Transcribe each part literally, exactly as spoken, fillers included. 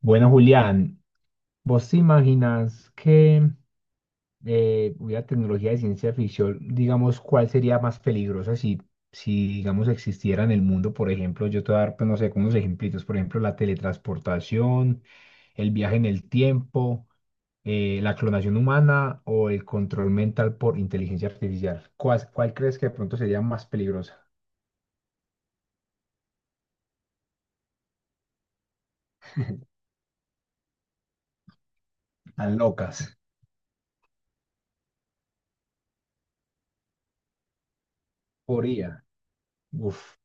Bueno, Julián, ¿vos te imaginas que eh, hubiera tecnología de ciencia ficción, digamos, cuál sería más peligrosa si, si, digamos, existiera en el mundo? Por ejemplo, yo te voy a dar, pues, no sé, como unos ejemplitos, por ejemplo, la teletransportación, el viaje en el tiempo, eh, la clonación humana o el control mental por inteligencia artificial. ¿Cuál, cuál crees que de pronto sería más peligrosa? Tan locas, por I A, uf,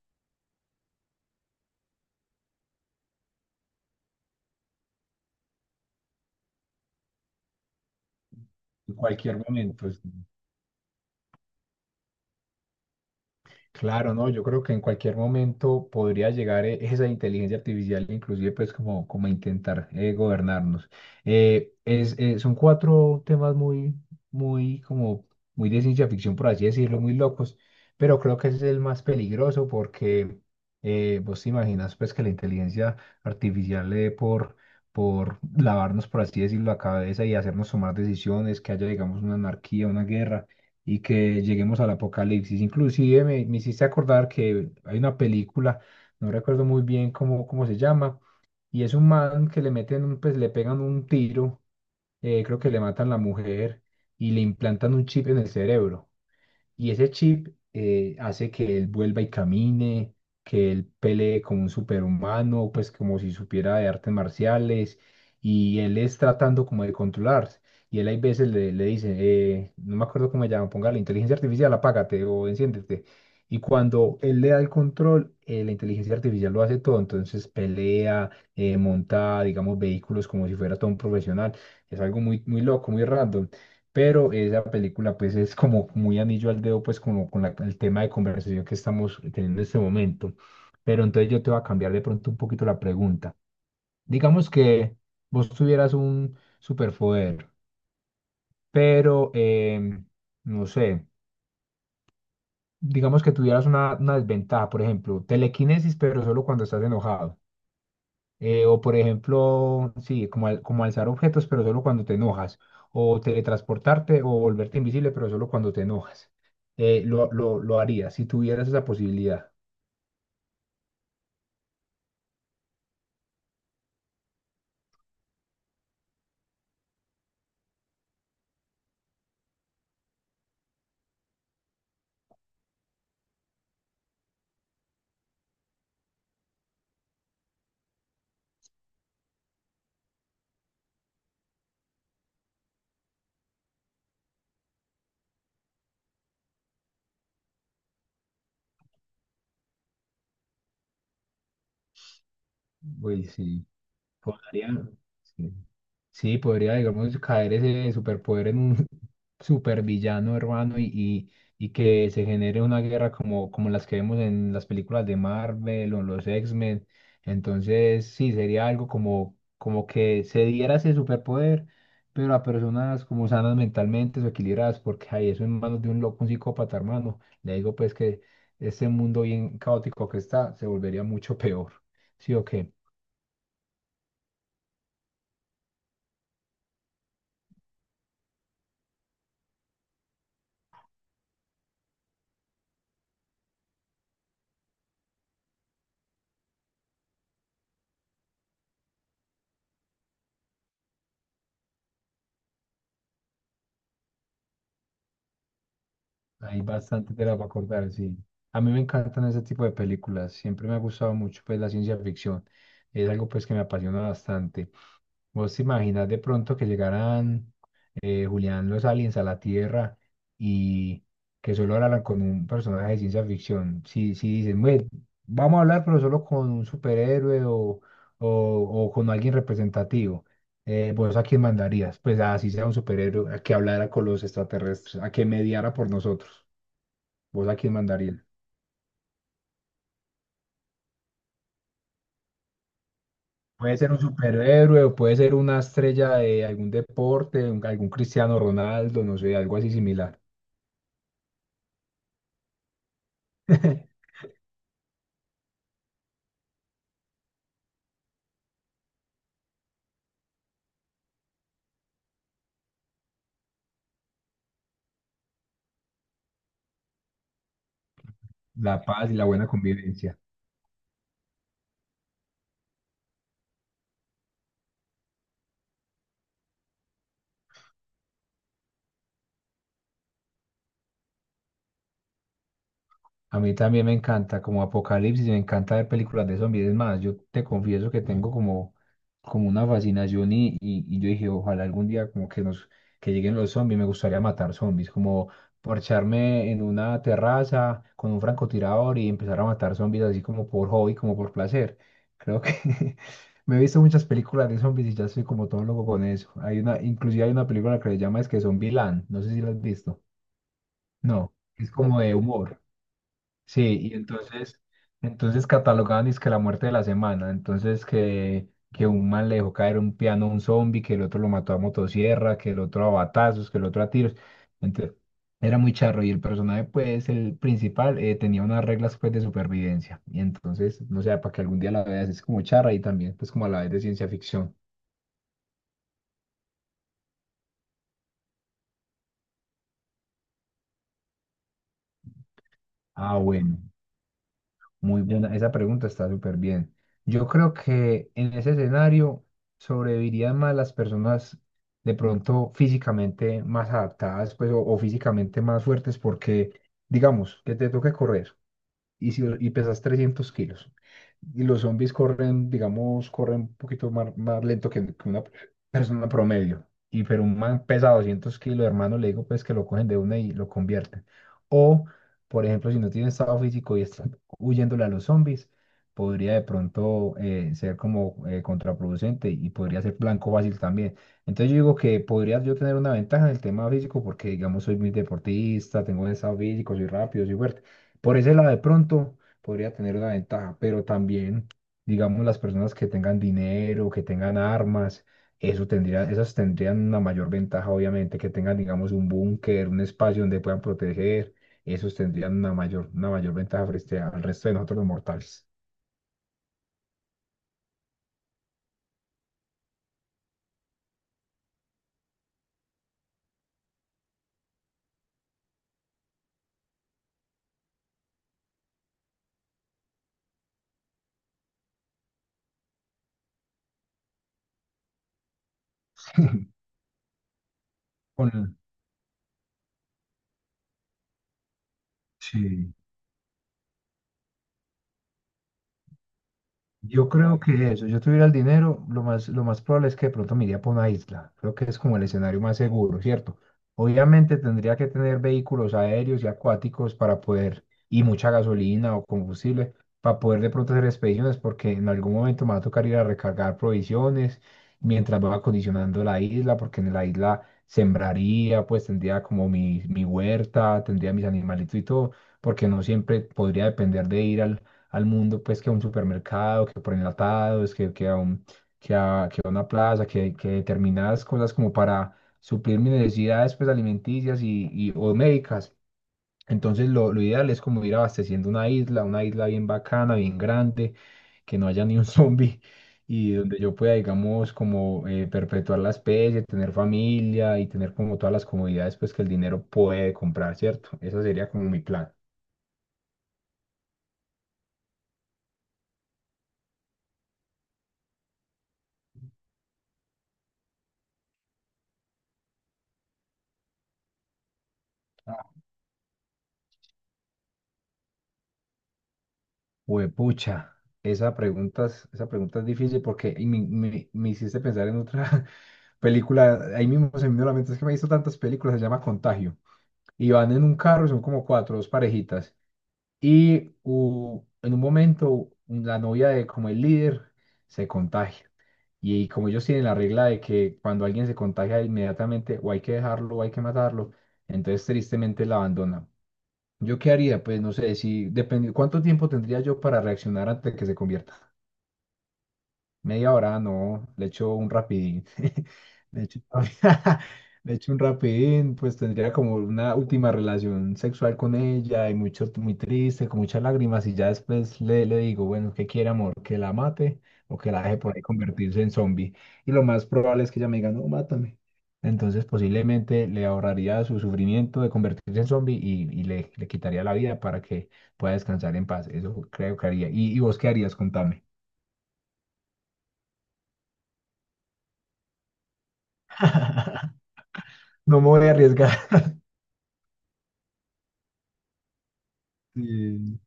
en cualquier momento. Claro, no, yo creo que en cualquier momento podría llegar eh, esa inteligencia artificial, inclusive pues como, como a intentar eh, gobernarnos. Eh, es, eh, son cuatro temas muy, muy como, muy de ciencia ficción, por así decirlo, muy locos, pero creo que ese es el más peligroso porque eh, vos te imaginas pues que la inteligencia artificial le dé por, por lavarnos, por así decirlo, la cabeza y hacernos tomar decisiones, que haya digamos una anarquía, una guerra y que lleguemos al apocalipsis. Inclusive me, me hiciste acordar que hay una película, no recuerdo muy bien cómo, cómo se llama, y es un man que le meten, un- pues le pegan un tiro, eh, creo que le matan la mujer y le implantan un chip en el cerebro. Y ese chip eh, hace que él vuelva y camine, que él pelee como un superhumano, pues como si supiera de artes marciales, y él es tratando como de controlarse. Y él hay veces le, le dice, eh, no me acuerdo cómo se llama, ponga la inteligencia artificial, apágate o enciéndete. Y cuando él le da el control, eh, la inteligencia artificial lo hace todo. Entonces pelea, eh, monta, digamos, vehículos como si fuera todo un profesional. Es algo muy, muy loco, muy random. Pero esa película pues es como muy anillo al dedo pues como con la- el tema de conversación que estamos teniendo en este momento. Pero entonces yo te voy a cambiar de pronto un poquito la pregunta. Digamos que vos tuvieras un superpoder, pero em, no sé, digamos que tuvieras una, una desventaja, por ejemplo, telequinesis pero solo cuando estás enojado. Eh, o por ejemplo, sí, como, al- como alzar objetos, pero solo cuando te enojas. O teletransportarte o volverte invisible, pero solo cuando te enojas. Eh, lo, lo, lo haría si tuvieras esa posibilidad. Uy, sí, podría. Sí. Sí, podría, digamos, caer ese superpoder en un supervillano hermano y, y, y que se genere una guerra como, como las que vemos en las películas de Marvel o en los X-Men. Entonces, sí, sería algo como, como que se diera ese superpoder, pero a personas como sanas mentalmente o equilibradas, porque hay eso en manos de un loco, un psicópata, hermano. Le digo, pues, que este mundo bien caótico que está se volvería mucho peor. ¿Sí o qué? Hay bastante tela para cortar, sí. A mí me encantan ese tipo de películas. Siempre me ha gustado mucho pues la ciencia ficción. Es algo pues que me apasiona bastante. ¿Vos te imaginas de pronto que llegaran eh, Julián, los aliens a la Tierra y que solo hablaran con un personaje de ciencia ficción? Si, si dicen, "Bueno, vamos a hablar pero solo con un superhéroe o, o, o con alguien representativo". Eh, ¿vos a quién mandarías? Pues así sea un superhéroe a que hablara con los extraterrestres, a que mediara por nosotros. ¿Vos a quién mandarías? Puede ser un superhéroe o puede ser una estrella de algún deporte, un- algún Cristiano Ronaldo, no sé, algo así similar. La paz y la buena convivencia. A mí también me encanta, como Apocalipsis, me encanta ver películas de zombies. Es más, yo te confieso que tengo como, como una fascinación y, y, y yo dije, ojalá algún día como que nos, que lleguen los zombies, me gustaría matar zombies, como parcharme en una terraza con un francotirador y empezar a matar zombies así como por hobby, como por placer. Creo que me he visto muchas películas de zombies y ya soy como todo loco con eso. Hay una, inclusive hay una película que se llama es que Zombieland, no sé si la has visto. No, es como de humor. Sí, y entonces, entonces catalogaban es que la muerte de la semana, entonces que, que un man le dejó caer un piano a un zombie, que el otro lo mató a motosierra, que el otro a batazos, que el otro a tiros. Entonces, era muy charro y el personaje, pues, el principal, eh, tenía unas reglas, pues, de supervivencia. Y entonces, no sé, para que algún día la veas, es como charra y también, pues, como a la vez de ciencia ficción. Ah, bueno. Muy buena, esa pregunta está súper bien. Yo creo que en ese escenario sobrevivirían más las personas de pronto físicamente más adaptadas, pues, o, o físicamente más fuertes, porque digamos que te toque correr y, si- y pesas trescientos kilos. Y los zombies corren, digamos, corren un poquito más, más lento que, que una persona promedio. Y pero un man pesa doscientos kilos, hermano, le digo pues que lo cogen de una y lo convierten. O, por ejemplo, si no tiene estado físico y está huyéndole a los zombies, podría de pronto eh, ser como eh, contraproducente y podría ser blanco fácil también. Entonces yo digo que podría yo tener una ventaja en el tema físico porque, digamos, soy muy deportista, tengo buen estado físico, soy rápido, soy fuerte. Por ese lado, de pronto podría tener una ventaja, pero también, digamos, las personas que tengan dinero, que tengan armas, eso tendría, esas tendrían una mayor ventaja, obviamente, que tengan, digamos, un búnker, un espacio donde puedan proteger, esos tendrían una mayor, una mayor ventaja frente al resto de nosotros los mortales. Con, sí. Yo creo que eso, yo tuviera el dinero, lo más, lo más probable es que de pronto me iría por una isla. Creo que es como el escenario más seguro, ¿cierto? Obviamente tendría que tener vehículos aéreos y acuáticos para poder, y mucha gasolina o combustible, para poder de pronto hacer expediciones, porque en algún momento me va a tocar ir a recargar provisiones mientras va acondicionando la isla, porque en la isla sembraría, pues tendría como mi, mi huerta, tendría mis animalitos y todo, porque no siempre podría depender de ir al al mundo, pues que a un supermercado, que por enlatados, que, que a un, que a, que a una plaza, que, que determinadas cosas como para suplir mis necesidades pues alimenticias y, y o médicas. Entonces lo, lo ideal es como ir abasteciendo una isla, una isla bien bacana, bien grande, que no haya ni un zombie y donde yo pueda, digamos, como eh, perpetuar la especie, tener familia y tener como todas las comodidades pues que el dinero puede comprar, ¿cierto? Ese sería como mi plan. Huepucha, esa pregunta es, esa pregunta es difícil porque y me, me- me hiciste pensar en otra película. Ahí mismo se me vino a la mente, es que me he visto tantas películas, se llama Contagio. Y van en un carro, son como cuatro, dos parejitas. Y u- en un momento, la novia de como el líder se contagia. Y, como ellos tienen la regla de que cuando alguien se contagia inmediatamente, o hay que dejarlo, o hay que matarlo, entonces tristemente la abandona. ¿Yo qué haría? Pues no sé, si depende, ¿cuánto tiempo tendría yo para reaccionar antes de que se convierta? Media hora, no, le echo un rapidín. Le echo, le echo un rapidín, pues tendría como una última relación sexual con ella y mucho, muy triste, con muchas lágrimas y ya después le, le digo, bueno, ¿qué quiere, amor? ¿Que la mate o que la deje por ahí convertirse en zombie? Y lo más probable es que ella me diga, no, mátame. Entonces posiblemente le ahorraría su sufrimiento de convertirse en zombie y, y le, le quitaría la vida para que pueda descansar en paz. Eso creo que haría. ¿Y, y vos qué harías? Contame. No me voy a arriesgar. Sí,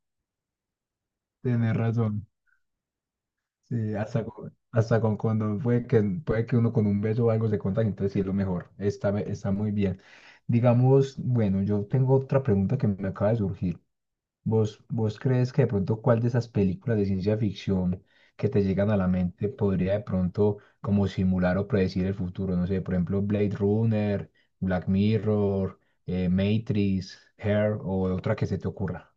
tenés razón. Sí, hasta con, hasta con cuando puede que, puede que uno con un beso o algo se contagie, entonces sí es lo mejor. Está, be- está muy bien. Digamos, bueno, yo tengo otra pregunta que me acaba de surgir. ¿Vos, vos crees que de pronto cuál de esas películas de ciencia ficción que te llegan a la mente podría de pronto como simular o predecir el futuro? No sé, por ejemplo, Blade Runner, Black Mirror, eh, Matrix, Hair o otra que se te ocurra.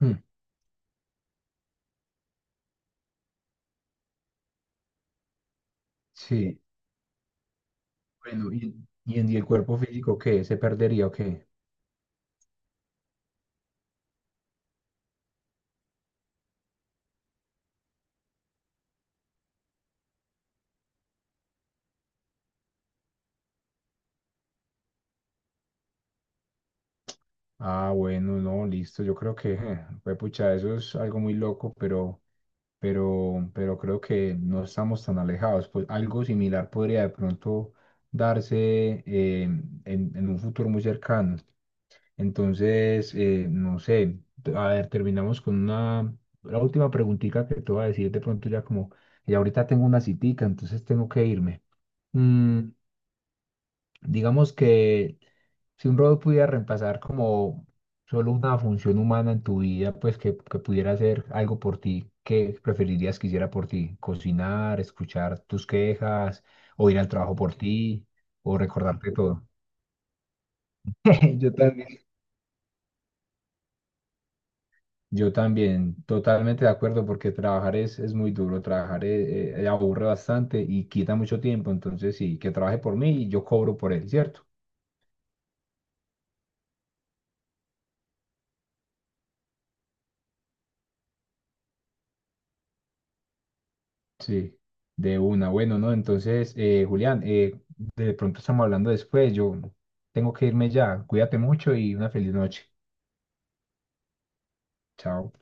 Hmm. Sí. Bueno, y, y en y el cuerpo físico, ¿qué? ¿Se perdería o qué? Ah, bueno, no, listo. Yo creo que, eh, pues, pucha, eso es algo muy loco, pero, pero, pero creo que no estamos tan alejados. Pues algo similar podría de pronto darse eh, en, en un futuro muy cercano. Entonces, eh, no sé, t- a ver, terminamos con una, la última preguntita que te voy a decir de pronto ya como, y ahorita tengo una citica, entonces tengo que irme. Mm. Digamos que si un robot pudiera reemplazar como solo una función humana en tu vida, pues que, que pudiera hacer algo por ti, ¿qué preferirías que hiciera por ti? ¿Cocinar, escuchar tus quejas, o ir al trabajo por ti, o recordarte todo? Yo también. Yo también, totalmente de acuerdo, porque trabajar es, es muy duro, trabajar eh, eh, aburre bastante y quita mucho tiempo, entonces sí, que trabaje por mí y yo cobro por él, ¿cierto? Sí, de una. Bueno, ¿no? Entonces, eh, Julián, eh, de pronto estamos hablando después. Yo tengo que irme ya. Cuídate mucho y una feliz noche. Chao.